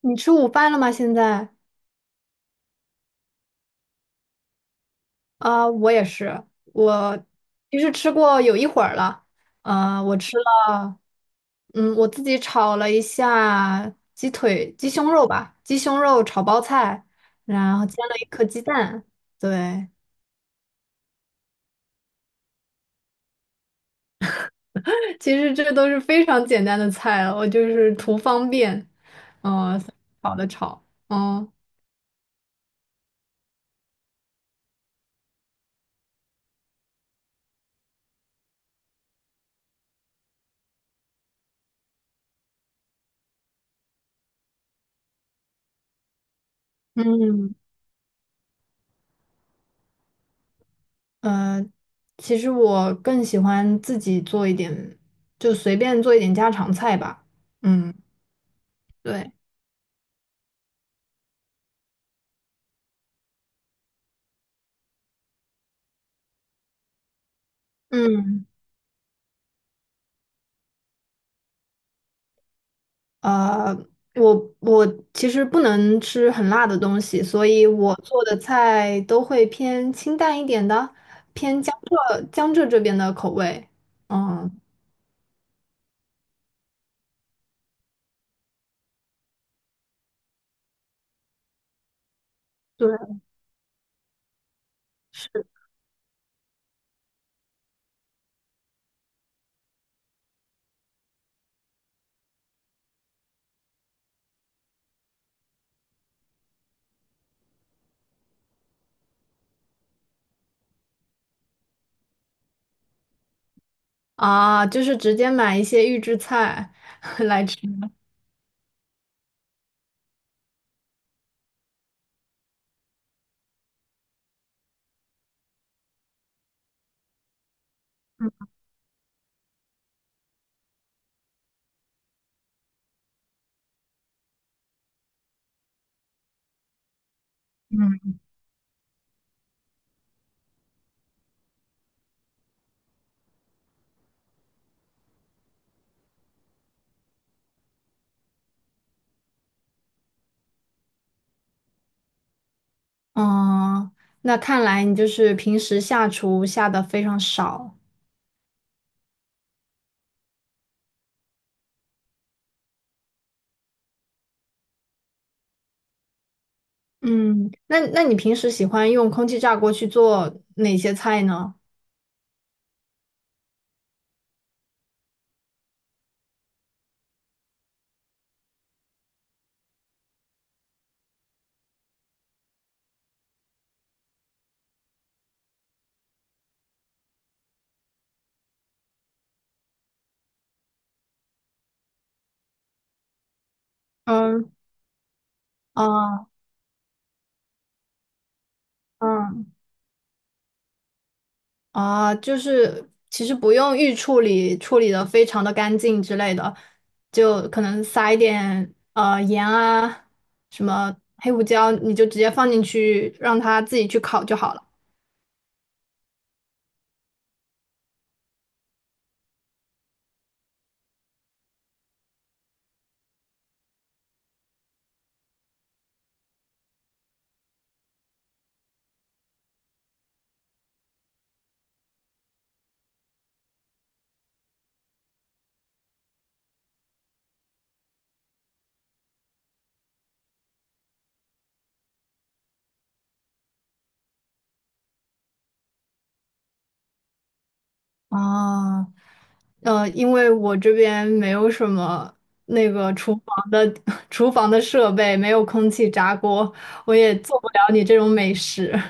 你吃午饭了吗？现在啊，我也是，我其实吃过有一会儿了。我吃了，嗯，我自己炒了一下鸡腿、鸡胸肉吧，鸡胸肉炒包菜，然后煎了一颗鸡蛋。对，其实这都是非常简单的菜了，我就是图方便，嗯、炒的炒，嗯。呃，其实我更喜欢自己做一点，就随便做一点家常菜吧。嗯，对，嗯，呃，我其实不能吃很辣的东西，所以我做的菜都会偏清淡一点的，偏江浙这边的口味。嗯，对，是啊，就是直接买一些预制菜 来吃。嗯，嗯，那看来你就是平时下厨下的非常少。嗯，那你平时喜欢用空气炸锅去做哪些菜呢？嗯，啊，嗯，啊，就是其实不用预处理，处理的非常的干净之类的，就可能撒一点盐啊，什么黑胡椒，你就直接放进去，让它自己去烤就好了。啊。因为我这边没有什么那个厨房的 厨房的设备，没有空气炸锅，我也做不了你这种美食。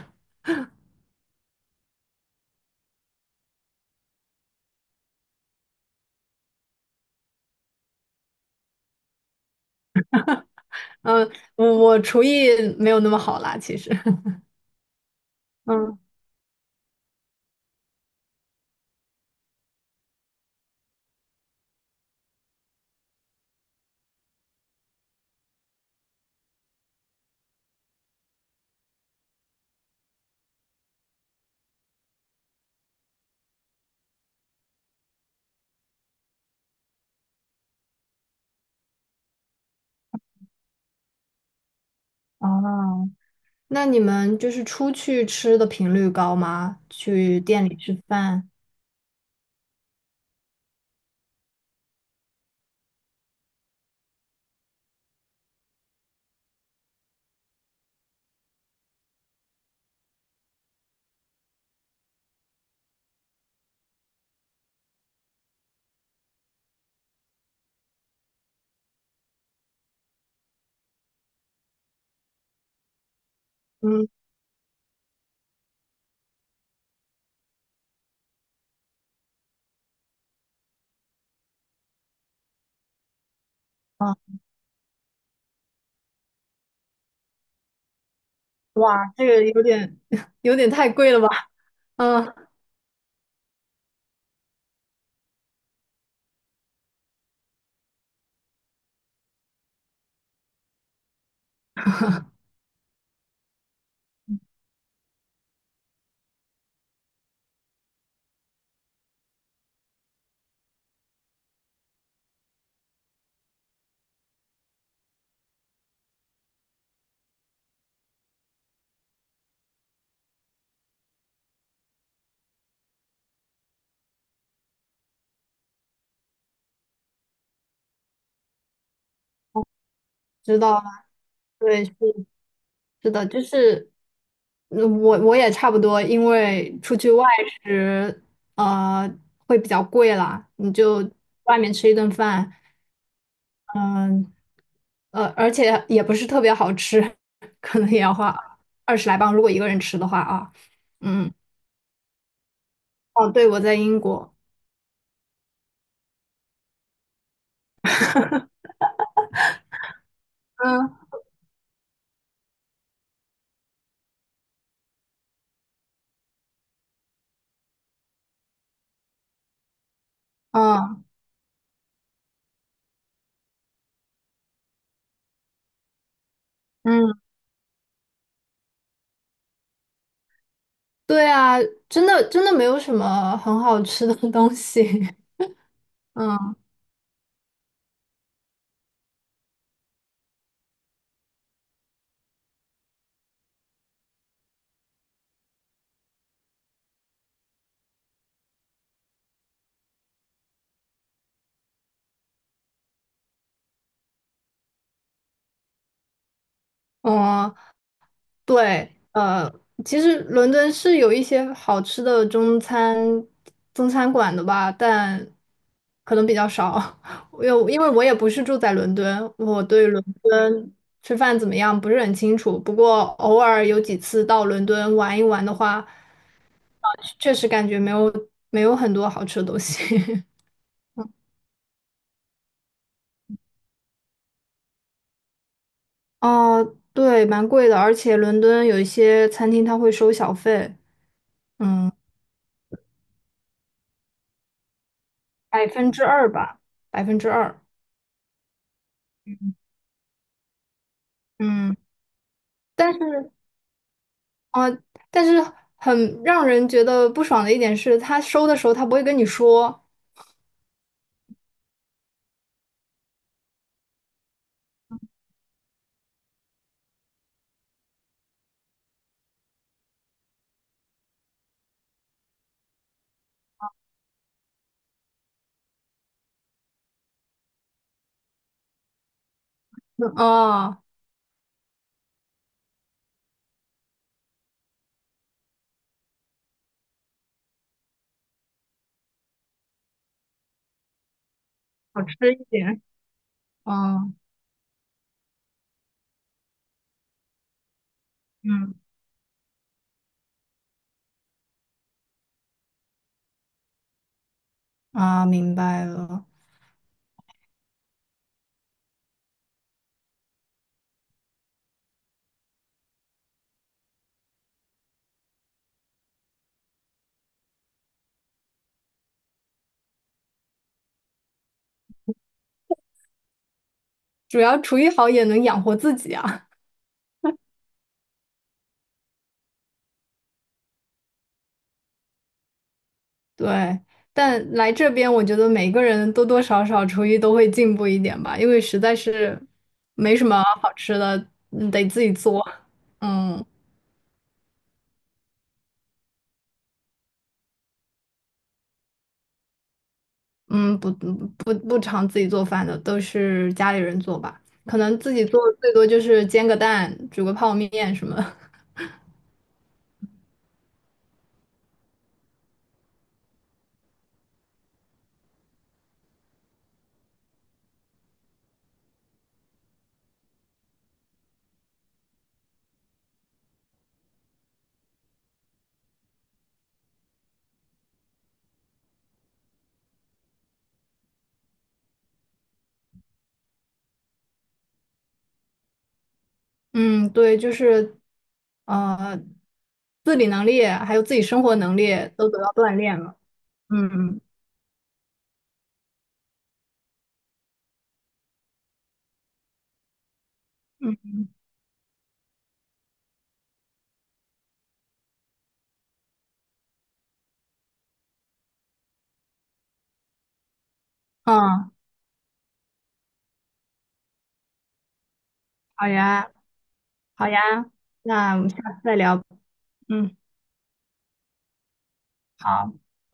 嗯，我厨艺没有那么好啦，其实。嗯，哦，那你们就是出去吃的频率高吗？去店里吃饭？嗯，啊，哇，这个有点 有点太贵了吧？嗯，知道了，对。是的，就是嗯我也差不多，因为出去外食，呃，会比较贵啦。你就外面吃一顿饭，而且也不是特别好吃，可能也要花20来磅，如果一个人吃的话啊。嗯，哦，对，我在英国。嗯嗯嗯，对啊，真的真的没有什么很好吃的东西。嗯嗯，对，其实伦敦是有一些好吃的中餐馆的吧，但可能比较少。因为我也不是住在伦敦，我对伦敦吃饭怎么样不是很清楚。不过偶尔有几次到伦敦玩一玩的话，确实感觉没有很多好吃的东西。哦，对，蛮贵的，而且伦敦有一些餐厅它会收小费，嗯，百分之二吧，百分之二，嗯。但是，啊，但是很让人觉得不爽的一点是，他收的时候他不会跟你说，啊，好吃一点，啊，嗯，啊，明白了，主要厨艺好也能养活自己啊，对。但来这边，我觉得每个人多多少少厨艺都会进步一点吧，因为实在是没什么好吃的，嗯得自己做，嗯。嗯，不常自己做饭的，都是家里人做吧。可能自己做最多就是煎个蛋、煮个泡面什么的 嗯，对，就是呃，自理能力还有自己生活能力都得到锻炼了。嗯嗯嗯，好呀，好呀，那我们下次再聊。嗯，好。